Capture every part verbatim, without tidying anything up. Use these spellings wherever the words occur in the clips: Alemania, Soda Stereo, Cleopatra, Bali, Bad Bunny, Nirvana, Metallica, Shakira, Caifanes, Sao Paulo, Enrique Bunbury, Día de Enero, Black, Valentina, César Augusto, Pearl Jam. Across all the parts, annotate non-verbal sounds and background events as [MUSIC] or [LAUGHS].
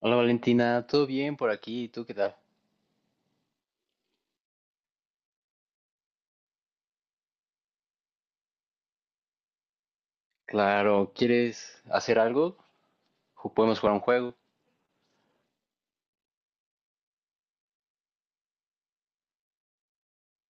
Hola Valentina, ¿todo bien por aquí? ¿Y ¿Tú qué tal? Claro, ¿quieres hacer algo? Ju- Podemos jugar un juego.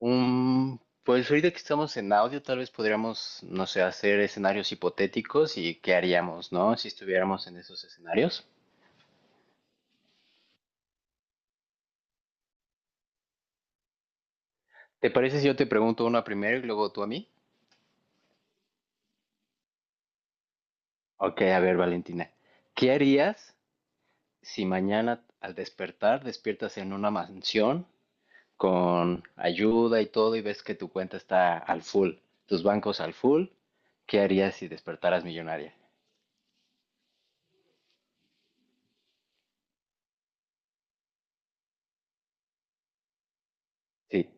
Un- pues ahorita que estamos en audio, tal vez podríamos, no sé, hacer escenarios hipotéticos y qué haríamos, ¿no? Si estuviéramos en esos escenarios. ¿Te parece si yo te pregunto una primero y luego tú a mí? Ok, a ver, Valentina, ¿qué harías si mañana al despertar despiertas en una mansión con ayuda y todo y ves que tu cuenta está al full, tus bancos al full, ¿qué harías si despertaras millonaria? Sí.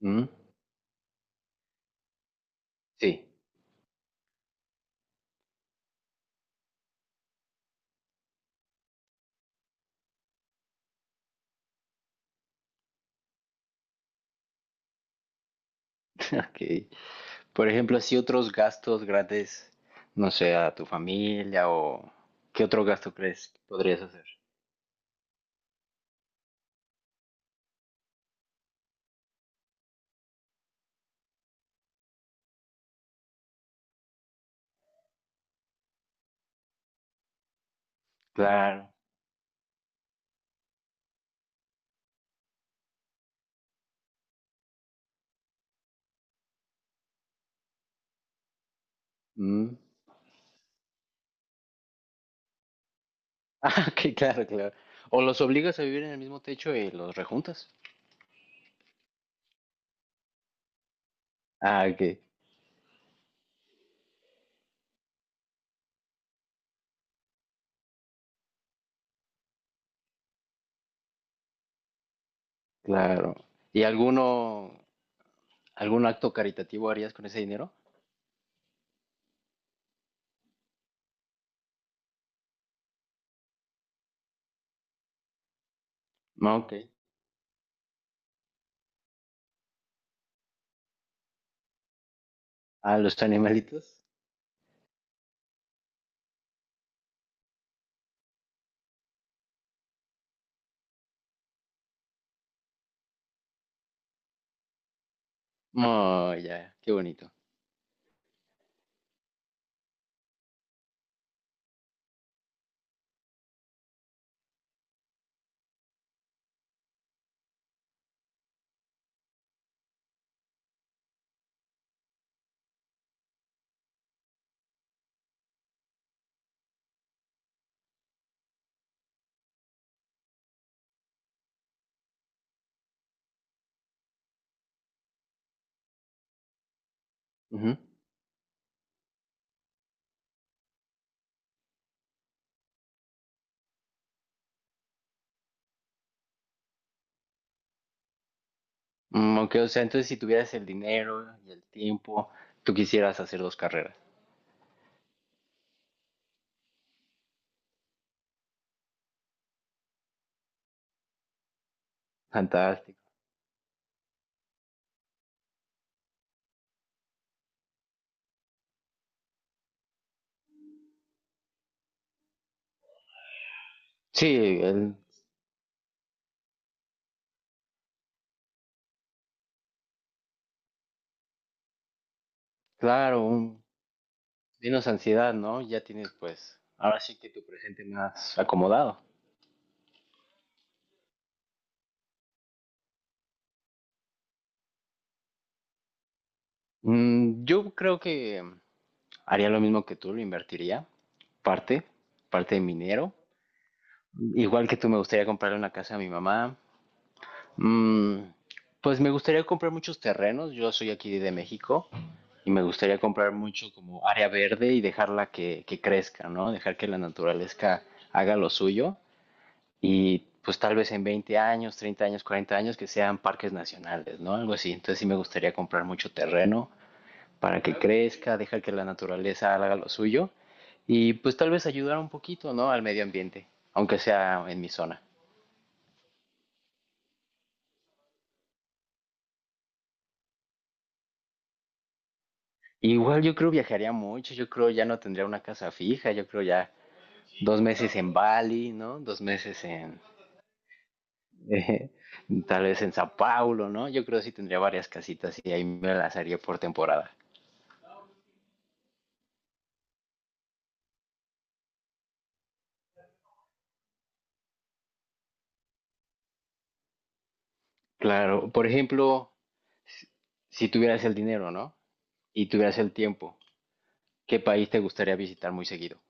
¿Mm? Sí. [LAUGHS] Ok. Por ejemplo, así otros gastos grandes, no sé, a tu familia o ¿qué otro gasto crees que podrías hacer? Claro. ¿Mm? [LAUGHS] Ah, ok, claro, claro. O los obligas a vivir en el mismo techo y los rejuntas. Ah, ok, claro. ¿Y alguno, algún acto caritativo harías con ese dinero? No, ok. A los animalitos. Oh, ya, qué bonito. Ujú. Mm, aunque, o sea, entonces si tuvieras el dinero y el tiempo, tú quisieras hacer dos carreras. Fantástico. Sí, el- claro, un, menos ansiedad, ¿no? Ya tienes, pues, ahora sí que tu presente más acomodado. Mm, yo creo que mm, haría lo mismo que tú, lo invertiría, parte, parte de mi dinero. Igual que tú, me gustaría comprarle una casa a mi mamá. Mm, pues me gustaría comprar muchos terrenos. Yo soy aquí de México y me gustaría comprar mucho como área verde y dejarla que, que crezca, ¿no? Dejar que la naturaleza haga lo suyo y pues tal vez en veinte años, treinta años, cuarenta años que sean parques nacionales, ¿no? Algo así. Entonces sí me gustaría comprar mucho terreno para que crezca, dejar que la naturaleza haga lo suyo y pues tal vez ayudar un poquito, ¿no? Al medio ambiente, aunque sea en mi zona. Igual yo creo viajaría mucho, yo creo ya no tendría una casa fija, yo creo ya dos meses en Bali, ¿no? Dos meses en, [LAUGHS] eh, tal vez en Sao Paulo, ¿no? Yo creo sí tendría varias casitas y ahí me las haría por temporada. Claro, por ejemplo, si si tuvieras el dinero, ¿no? Y tuvieras el tiempo, ¿qué país te gustaría visitar muy seguido?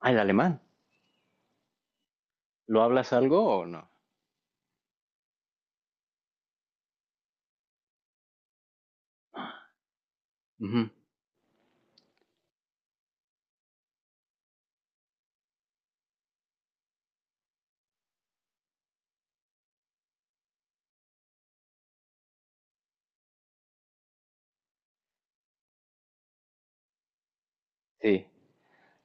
Ah, el alemán. ¿Lo hablas algo o no? Ujú, sí.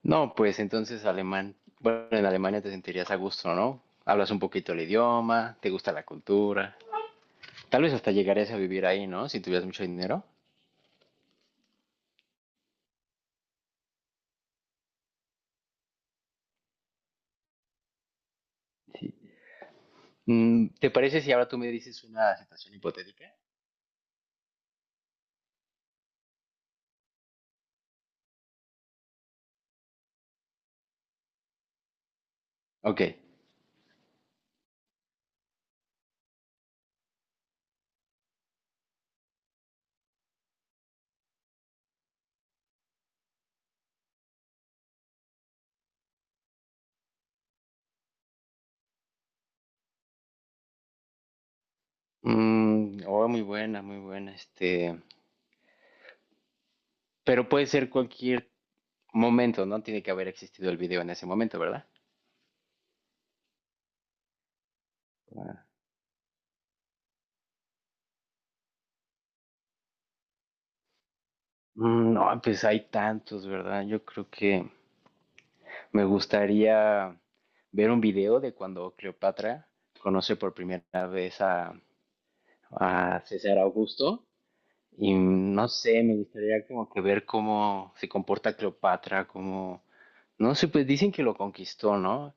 No, pues entonces alemán, bueno, en Alemania te sentirías a gusto, ¿no? Hablas un poquito el idioma, te gusta la cultura. Tal vez hasta llegarías a vivir ahí, ¿no? Si tuvieras mucho dinero. Sí. Mm, ¿te parece si ahora tú me dices una situación hipotética? Ok. Mm, oh, muy buena, muy buena. Este, pero puede ser cualquier momento, ¿no? Tiene que haber existido el video en ese momento, ¿verdad? Ah. Mm, no, pues hay tantos, ¿verdad? Yo creo que me gustaría ver un video de cuando Cleopatra conoce por primera vez a, a César Augusto. Y no sé, me gustaría como que ver cómo se comporta Cleopatra, cómo... No sé, pues dicen que lo conquistó, ¿no?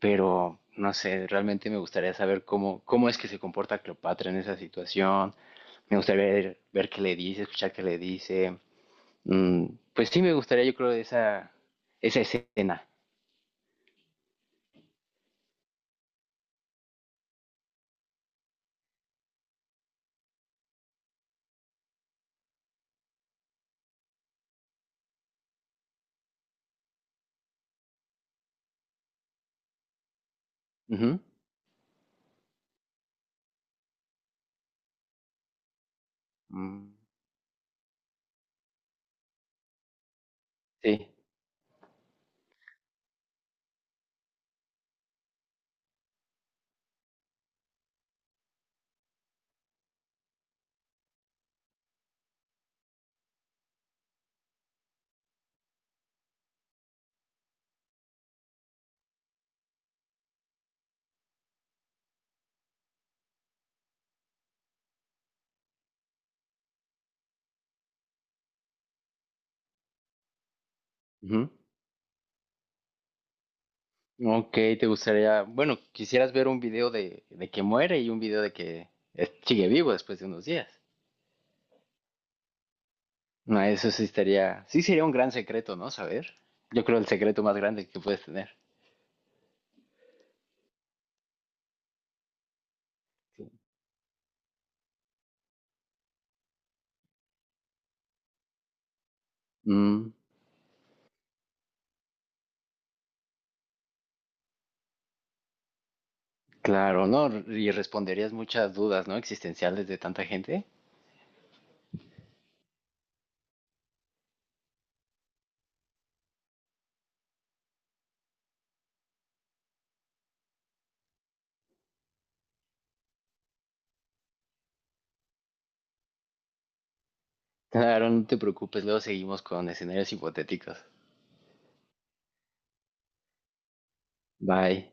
Pero no sé, realmente me gustaría saber cómo, cómo es que se comporta Cleopatra en esa situación. Me gustaría ver, ver qué le dice, escuchar qué le dice. Mm, pues sí, me gustaría, yo creo, esa, esa escena. Ujú. Mm. Sí. Ujú. Ok, te gustaría, bueno, quisieras ver un video de, de que muere y un video de que es- sigue vivo después de unos días. No, eso sí estaría, sí sería un gran secreto, ¿no? Saber. Yo creo el secreto más grande que puedes tener. Mm, claro, ¿no? R- Y responderías muchas dudas, ¿no? Existenciales de tanta gente. Claro, no te preocupes, luego seguimos con escenarios hipotéticos. Bye.